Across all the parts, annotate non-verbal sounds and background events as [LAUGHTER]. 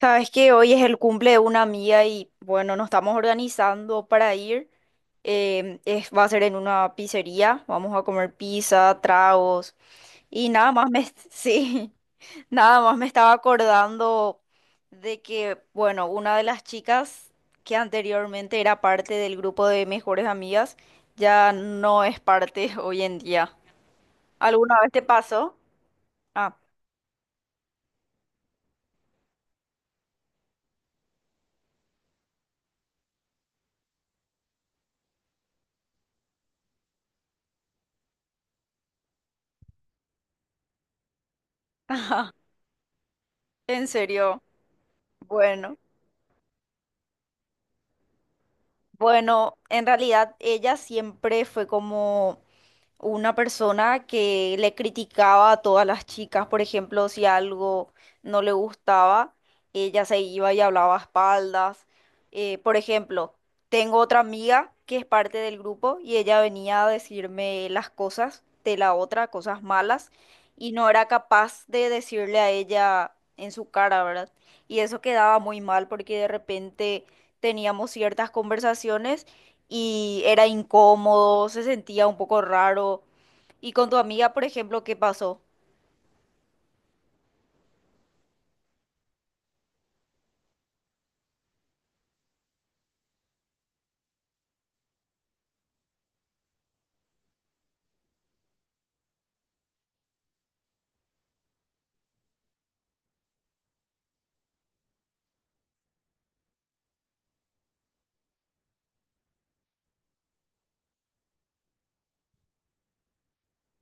Sabes que hoy es el cumple de una amiga y bueno, nos estamos organizando para ir. Va a ser en una pizzería. Vamos a comer pizza, tragos y nada más me, [LAUGHS] sí, nada más me estaba acordando de que, bueno, una de las chicas que anteriormente era parte del grupo de mejores amigas ya no es parte [LAUGHS] hoy en día. ¿Alguna vez te pasó? Ah, [LAUGHS] en serio. Bueno. Bueno, en realidad ella siempre fue como una persona que le criticaba a todas las chicas, por ejemplo, si algo no le gustaba, ella se iba y hablaba a espaldas. Por ejemplo, tengo otra amiga que es parte del grupo y ella venía a decirme las cosas de la otra, cosas malas, y no era capaz de decirle a ella en su cara, ¿verdad? Y eso quedaba muy mal porque de repente teníamos ciertas conversaciones y era incómodo, se sentía un poco raro. Y con tu amiga, por ejemplo, ¿qué pasó?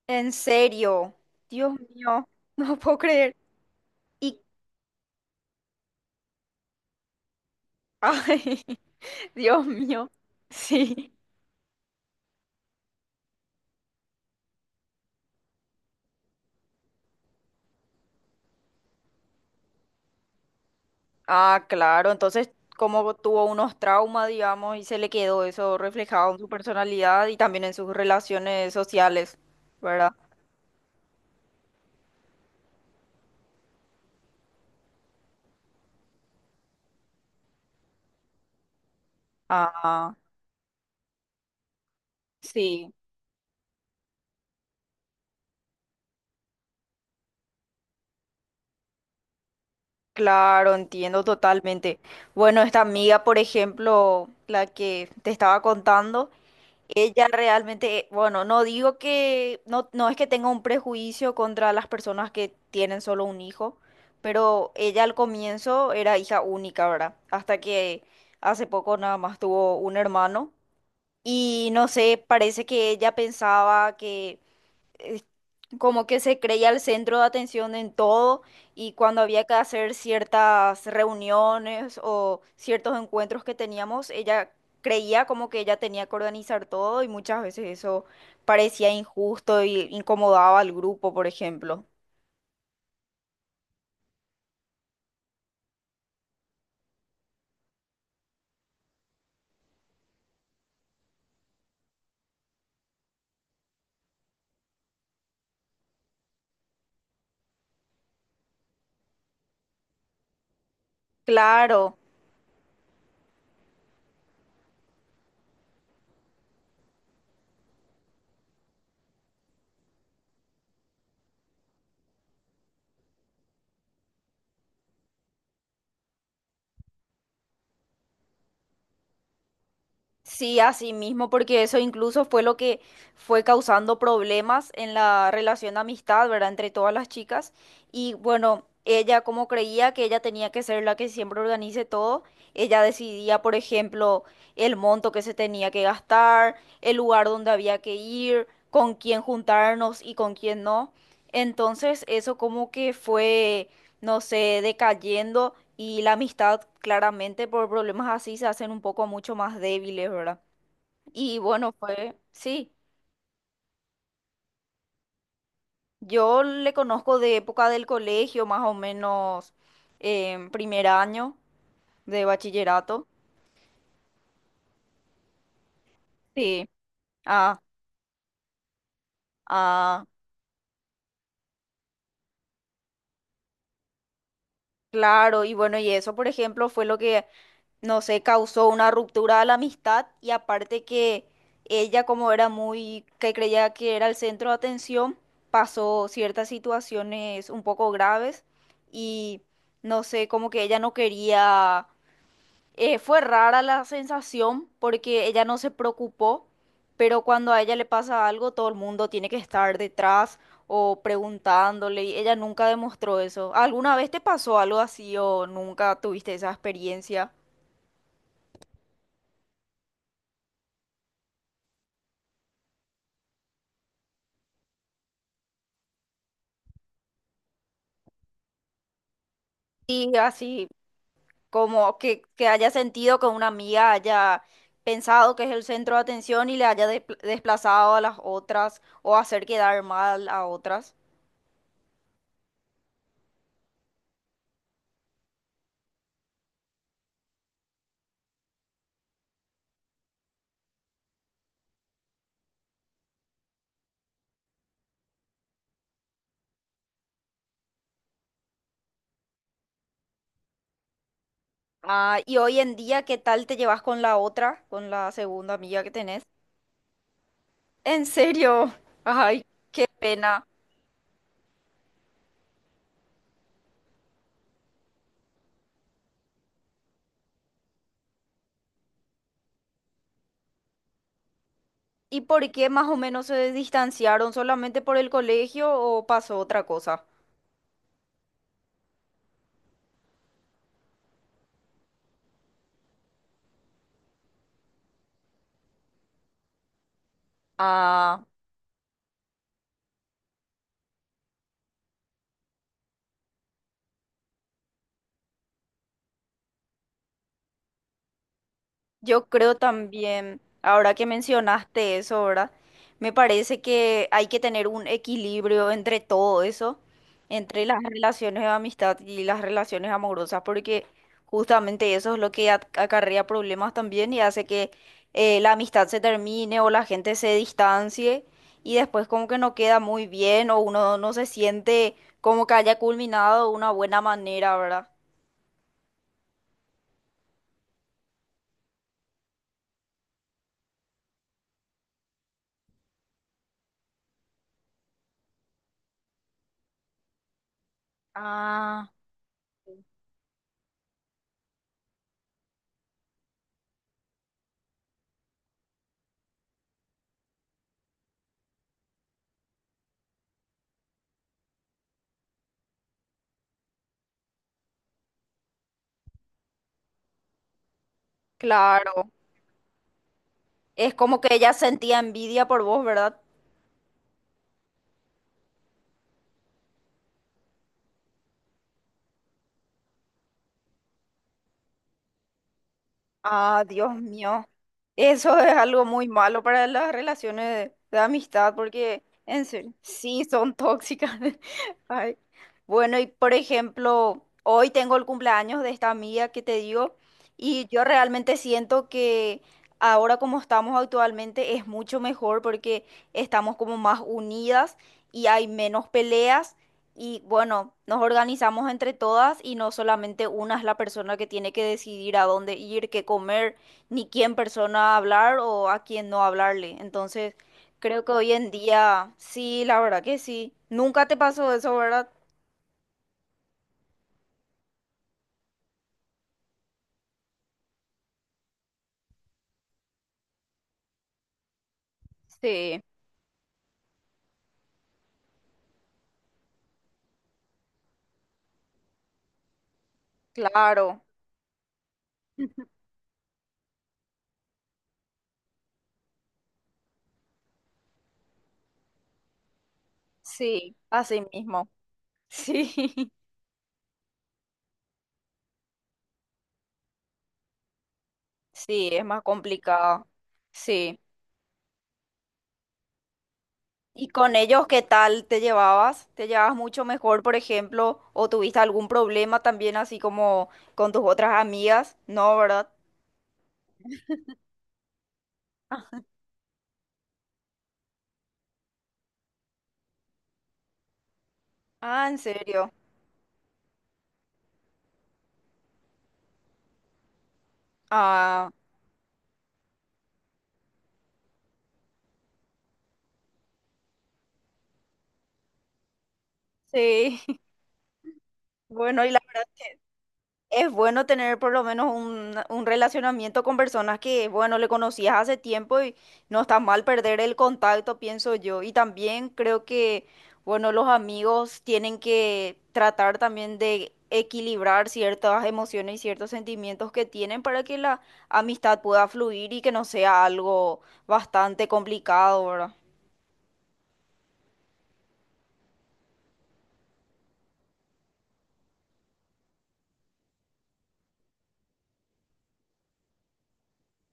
En serio, Dios mío, [LAUGHS] no puedo creer. Y, [LAUGHS] ay, Dios mío, sí. Ah, claro, entonces como tuvo unos traumas, digamos, y se le quedó eso reflejado en su personalidad y también en sus relaciones sociales, ¿verdad? Ah, sí. Claro, entiendo totalmente. Bueno, esta amiga, por ejemplo, la que te estaba contando, ella realmente, bueno, no digo que, no, no es que tenga un prejuicio contra las personas que tienen solo un hijo, pero ella al comienzo era hija única, ¿verdad? Hasta que hace poco nada más tuvo un hermano y no sé, parece que ella pensaba que como que se creía el centro de atención en todo y cuando había que hacer ciertas reuniones o ciertos encuentros que teníamos, ella creía como que ella tenía que organizar todo y muchas veces eso parecía injusto y incomodaba al grupo, por ejemplo. Claro. Sí, así mismo, porque eso incluso fue lo que fue causando problemas en la relación de amistad, ¿verdad? Entre todas las chicas. Y bueno, ella como creía que ella tenía que ser la que siempre organice todo, ella decidía, por ejemplo, el monto que se tenía que gastar, el lugar donde había que ir, con quién juntarnos y con quién no. Entonces, eso como que fue no sé, decayendo y la amistad claramente por problemas así se hacen un poco mucho más débiles, ¿verdad? Y bueno, fue, sí, yo le conozco de época del colegio, más o menos en primer año de bachillerato. Sí. Ah, ah. Claro, y bueno, y eso, por ejemplo, fue lo que, no sé, causó una ruptura a la amistad y aparte que ella, como era muy, que creía que era el centro de atención, pasó ciertas situaciones un poco graves y, no sé, como que ella no quería fue rara la sensación porque ella no se preocupó, pero cuando a ella le pasa algo, todo el mundo tiene que estar detrás o preguntándole y ella nunca demostró eso. ¿Alguna vez te pasó algo así o nunca tuviste esa experiencia? Y así como que haya sentido que una amiga haya pensado que es el centro de atención y le haya desplazado a las otras o hacer quedar mal a otras. Ah, y hoy en día, ¿qué tal te llevas con la otra, con la segunda amiga que tenés? En serio, [LAUGHS] ay, qué pena. ¿Y por qué más o menos se distanciaron? ¿Solamente por el colegio o pasó otra cosa? Ah. Yo creo también, ahora que mencionaste eso, ¿verdad? Me parece que hay que tener un equilibrio entre todo eso, entre las relaciones de amistad y las relaciones amorosas, porque justamente eso es lo que acarrea problemas también y hace que la amistad se termine o la gente se distancie y después como que no queda muy bien o uno no se siente como que haya culminado de una buena manera, ¿verdad? Ah, claro. Es como que ella sentía envidia por vos, ¿verdad? Ah, Dios mío. Eso es algo muy malo para las relaciones de amistad, porque en serio, sí son tóxicas. [LAUGHS] Ay. Bueno, y por ejemplo, hoy tengo el cumpleaños de esta amiga que te digo, y yo realmente siento que ahora como estamos actualmente es mucho mejor porque estamos como más unidas y hay menos peleas. Y bueno, nos organizamos entre todas y no solamente una es la persona que tiene que decidir a dónde ir, qué comer, ni quién persona hablar o a quién no hablarle. Entonces, creo que hoy en día, sí, la verdad que sí. Nunca te pasó eso, ¿verdad? Sí, claro. [LAUGHS] Sí, así mismo. Sí, [LAUGHS] sí, es más complicado. Sí. ¿Y con ellos qué tal te llevabas? ¿Te llevabas mucho mejor, por ejemplo? ¿O tuviste algún problema también así como con tus otras amigas? No, ¿verdad? Ah, ¿en serio? Ah, sí. [LAUGHS] Bueno, y la verdad. Es bueno tener por lo menos un relacionamiento con personas que, bueno, le conocías hace tiempo y no está mal perder el contacto, pienso yo. Y también creo que, bueno, los amigos tienen que tratar también de equilibrar ciertas emociones y ciertos sentimientos que tienen para que la amistad pueda fluir y que no sea algo bastante complicado, ¿verdad?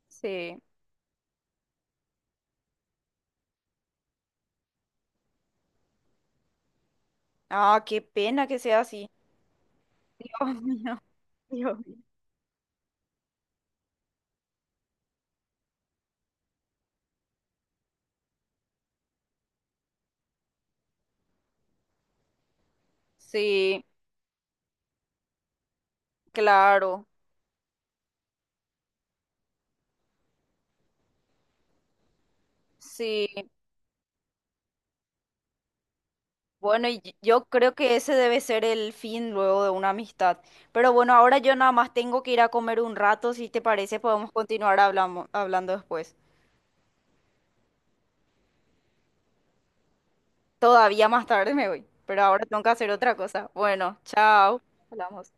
Sí. Ah, qué pena que sea así. [LAUGHS] Dios mío, Dios mío. Sí, claro. Sí. Bueno, y yo creo que ese debe ser el fin luego de una amistad. Pero bueno, ahora yo nada más tengo que ir a comer un rato. Si te parece, podemos continuar hablando después. Todavía más tarde me voy, pero ahora tengo que hacer otra cosa. Bueno, chao. Hablamos.